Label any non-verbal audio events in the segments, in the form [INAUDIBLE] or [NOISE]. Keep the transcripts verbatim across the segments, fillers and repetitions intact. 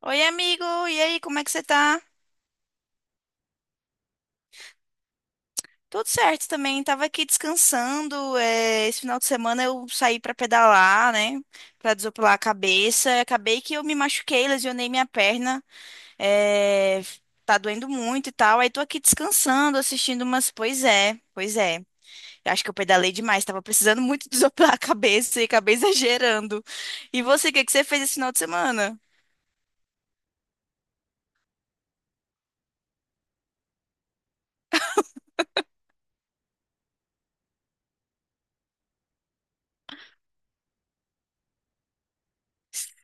Oi, amigo! E aí, como é que você tá? Tudo certo também, tava aqui descansando. É, esse final de semana eu saí pra pedalar, né? Pra desopilar a cabeça. Acabei que eu me machuquei, lesionei minha perna. é, tá doendo muito e tal. Aí tô aqui descansando, assistindo umas. Pois é, pois é. Eu acho que eu pedalei demais, tava precisando muito [LAUGHS] desopilar a cabeça e acabei exagerando. E você, o que que você fez esse final de semana?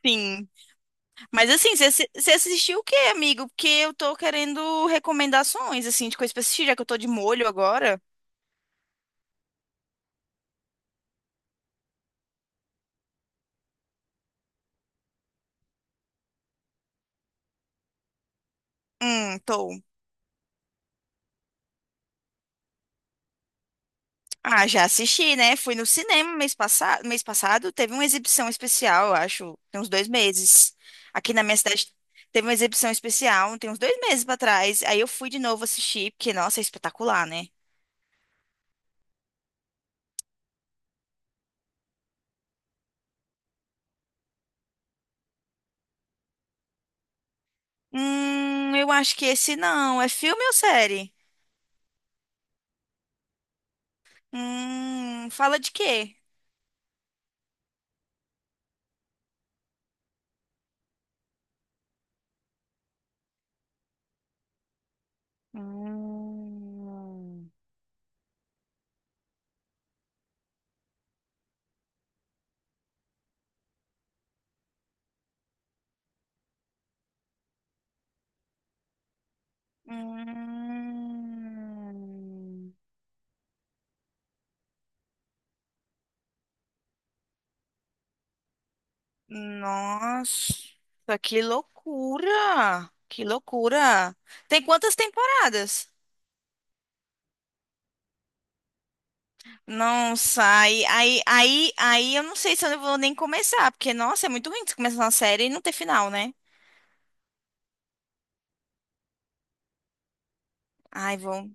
Sim. Mas assim, você assi- você assistiu o quê, amigo? Porque eu tô querendo recomendações, assim, de coisa pra assistir, já que eu tô de molho agora. Hum, tô. Ah, já assisti, né? Fui no cinema mês passado, mês passado, teve uma exibição especial, eu acho, tem uns dois meses. Aqui na minha cidade teve uma exibição especial, tem uns dois meses pra trás. Aí eu fui de novo assistir, porque, nossa, é espetacular, né? Hum, eu acho que esse não. É filme ou série? Hum, fala de quê? Hum. Hum, nossa, que loucura! Que loucura! Tem quantas temporadas? Não sai. Aí, aí, aí eu não sei se eu vou nem começar, porque, nossa, é muito ruim você começar uma série e não ter final, né? Ai, vou.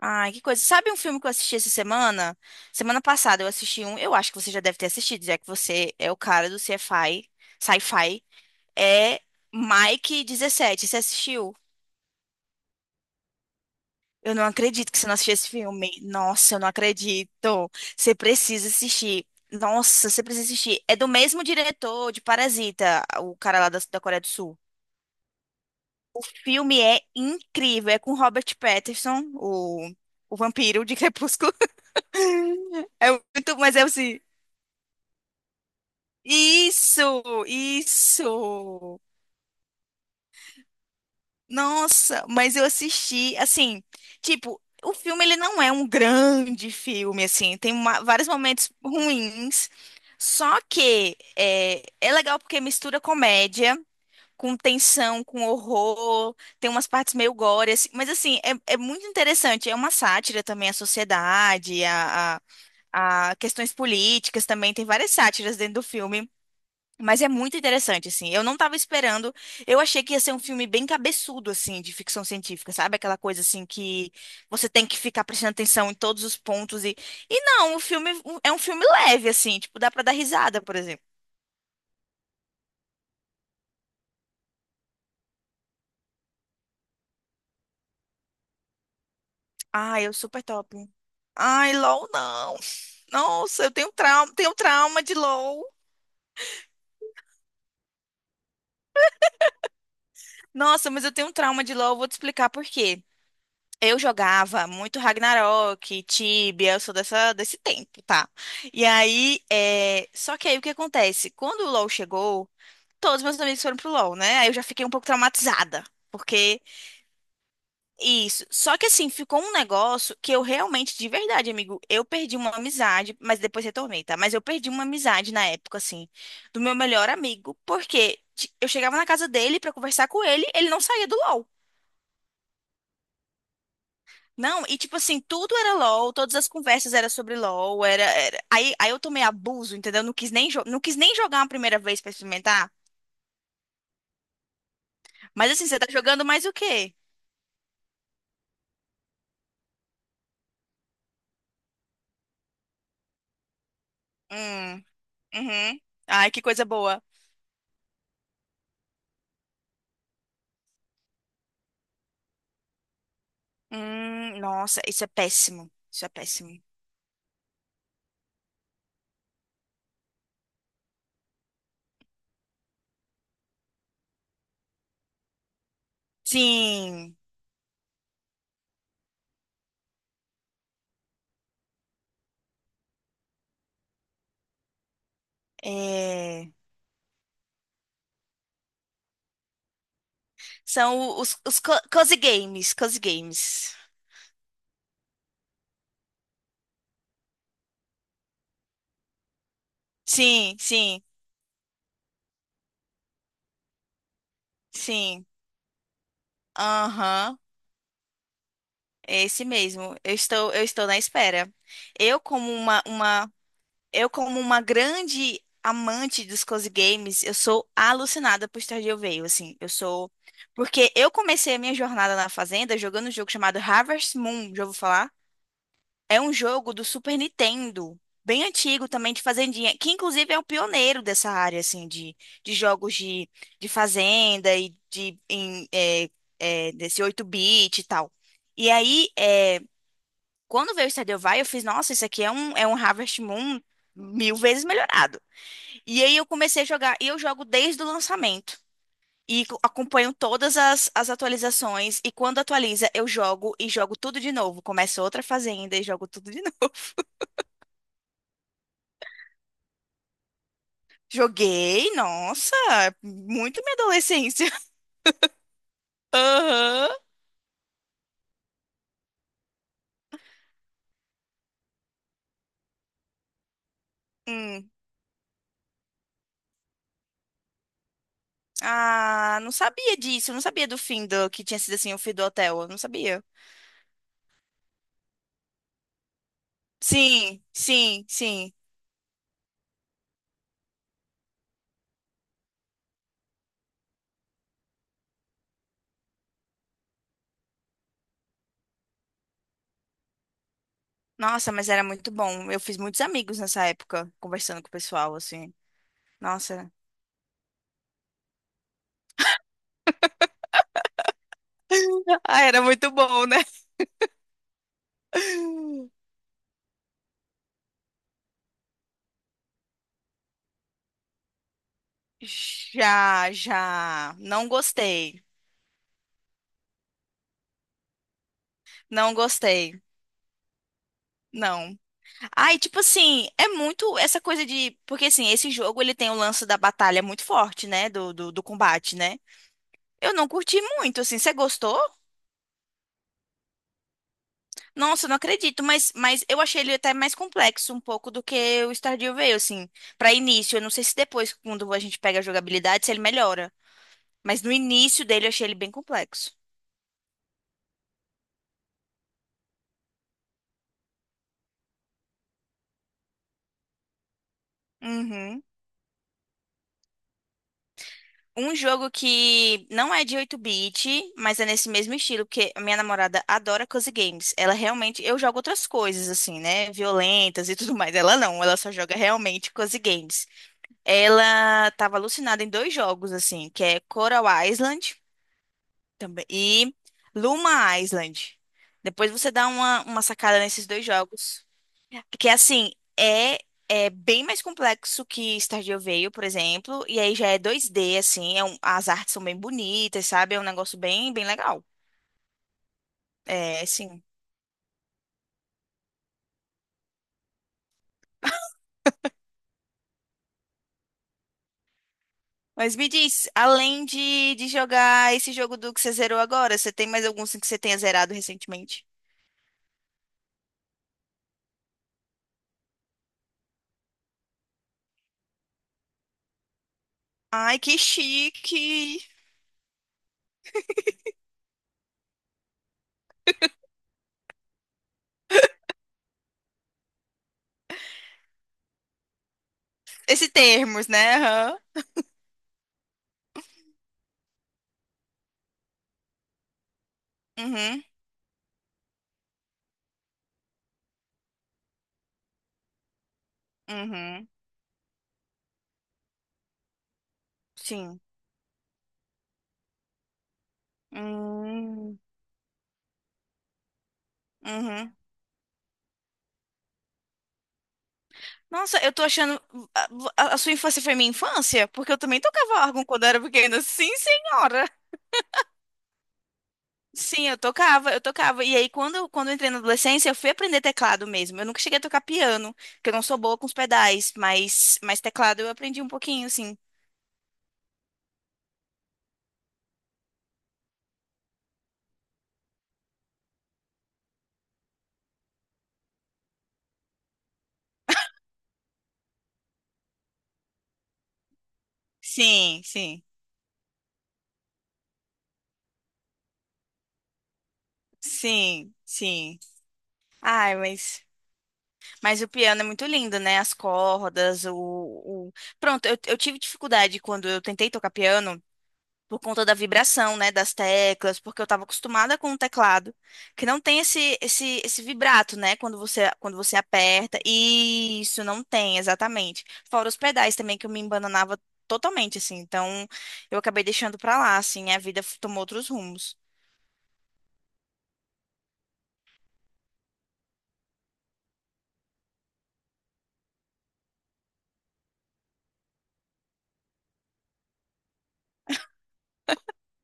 Ai, que coisa. Sabe um filme que eu assisti essa semana? Semana passada eu assisti um, eu acho que você já deve ter assistido, já que você é o cara do sci-fi, sci-fi. É Mike dezessete. Você assistiu? Eu não acredito que você não assistiu esse filme. Nossa, eu não acredito. Você precisa assistir. Nossa, você precisa assistir. É do mesmo diretor de Parasita, o cara lá da, da Coreia do Sul. O filme é incrível. É com Robert Pattinson, o, o vampiro de Crepúsculo. [LAUGHS] É muito, mas é assim. Isso, isso. Nossa, mas eu assisti, assim, tipo, o filme ele não é um grande filme, assim, tem uma- vários momentos ruins, só que é, é legal porque mistura comédia com tensão, com horror, tem umas partes meio gore, assim, mas assim, é, é muito interessante, é uma sátira também à sociedade, a, a a questões políticas também, tem várias sátiras dentro do filme. Mas é muito interessante, assim. Eu não tava esperando. Eu achei que ia ser um filme bem cabeçudo, assim, de ficção científica, sabe? Aquela coisa, assim, que você tem que ficar prestando atenção em todos os pontos. E, e não, o filme um, é um filme leve, assim. Tipo, dá pra dar risada, por exemplo. Ai, eu super top. Ai, LOL, não. Nossa, eu tenho trauma, tenho trauma de LOL. Nossa, mas eu tenho um trauma de LOL. Vou te explicar por quê. Eu jogava muito Ragnarok, Tibia, eu sou dessa, desse tempo, tá? E aí, é... só que aí o que acontece? Quando o LoL chegou, todos meus amigos foram pro LoL, né? Aí eu já fiquei um pouco traumatizada, porque isso. Só que assim, ficou um negócio que eu realmente, de verdade, amigo, eu perdi uma amizade, mas depois retornei, tá? Mas eu perdi uma amizade na época, assim, do meu melhor amigo, porque ti- eu chegava na casa dele pra conversar com ele, ele não saía do LoL. Não, e tipo assim, tudo era LOL, todas as conversas eram sobre LOL, era, era- Aí, aí eu tomei abuso, entendeu? Não quis nem, jo- não quis nem jogar uma primeira vez pra experimentar. Mas assim, você tá jogando mais o quê? Hum, uhum. Ai, que coisa boa. Hum, nossa, isso é péssimo. Isso é péssimo. Sim. é... São os, os co- cozy games, cozy games. Sim, sim, sim. Aham, é esse mesmo. Eu estou, eu estou na espera. Eu, como uma, uma Eu, como uma grande amante dos cozy games, eu sou alucinada por Stardew Valley, assim, eu sou... Porque eu comecei a minha jornada na Fazenda jogando um jogo chamado Harvest Moon, já vou falar? É um jogo do Super Nintendo, bem antigo também, de fazendinha, que inclusive é o pioneiro dessa área, assim, de, de jogos de, de fazenda e de, em, é, é, desse oito bit e tal. E aí, é, quando veio o Stardew Valley, eu fiz, nossa, isso aqui é um, é um Harvest Moon mil vezes melhorado. E aí eu comecei a jogar. E eu jogo desde o lançamento. E co- acompanho todas as, as atualizações. E quando atualiza, eu jogo e jogo tudo de novo. Começo outra fazenda e jogo tudo de [LAUGHS] novo. Joguei, nossa, muito minha adolescência. [LAUGHS] Aham. Hum. Ah, não sabia disso. Não sabia do fim do que tinha sido assim o fim do hotel. Eu não sabia. Sim, sim, sim. Nossa, mas era muito bom. Eu fiz muitos amigos nessa época, conversando com o pessoal, assim. Nossa. [LAUGHS] Ah, era muito bom, né? Já, já. Não gostei. Não gostei. Não. Ai, tipo assim, é muito essa coisa de. Porque assim, esse jogo ele tem o lance da batalha muito forte, né? Do, do, do combate, né? Eu não curti muito, assim. Você gostou? Nossa, eu não acredito, mas, mas eu achei ele até mais complexo um pouco do que o Stardew Valley, assim. Pra início, eu não sei se depois, quando a gente pega a jogabilidade, se ele melhora. Mas no início dele eu achei ele bem complexo. Uhum. Um jogo que não é de oito bit mas é nesse mesmo estilo, porque a minha namorada adora cozy games. Ela realmente. Eu jogo outras coisas, assim, né? Violentas e tudo mais. Ela não, ela só joga realmente cozy games. Ela tava alucinada em dois jogos, assim, que é Coral Island também, e Luma Island. Depois você dá uma, uma sacada nesses dois jogos. Porque assim, é é bem mais complexo que Stardew Valley, por exemplo, e aí já é dois d assim, é um- as artes são bem bonitas, sabe? É um negócio bem bem legal. É, sim. Mas me diz, além de, de jogar esse jogo do que você zerou agora, você tem mais algum assim, que você tenha zerado recentemente? Ai, que chique! Esse termos, né? Aham. Uhum, uhum, sim. Hum, Uhum, Nossa, eu tô achando. A, a- a sua infância foi minha infância? Porque eu também tocava órgão quando eu era pequena. Sim, senhora! Sim, eu tocava, eu tocava. E aí, quando, eu- quando eu entrei na adolescência, eu fui aprender teclado mesmo. Eu nunca cheguei a tocar piano, porque eu não sou boa com os pedais, mas, mas teclado eu aprendi um pouquinho, sim. Sim, sim, sim, sim. Ai, mas, mas o piano é muito lindo, né? As cordas, o, o... Pronto, eu, eu tive dificuldade quando eu tentei tocar piano. Por conta da vibração, né, das teclas, porque eu estava acostumada com um teclado, que não tem esse, esse, esse vibrato, né, quando você, quando você aperta. Isso, não tem, exatamente. Fora os pedais também, que eu me embananava totalmente, assim. Então, eu acabei deixando pra lá, assim, a vida f- tomou outros rumos.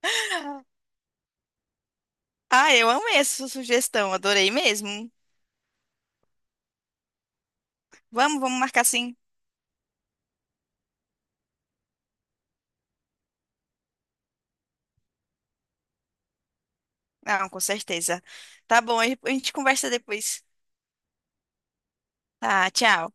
[LAUGHS] Ah, eu amei essa sugestão, adorei mesmo. Vamos, vamos marcar sim. Não, com certeza. Tá bom, a gente conversa depois. Tá, tchau.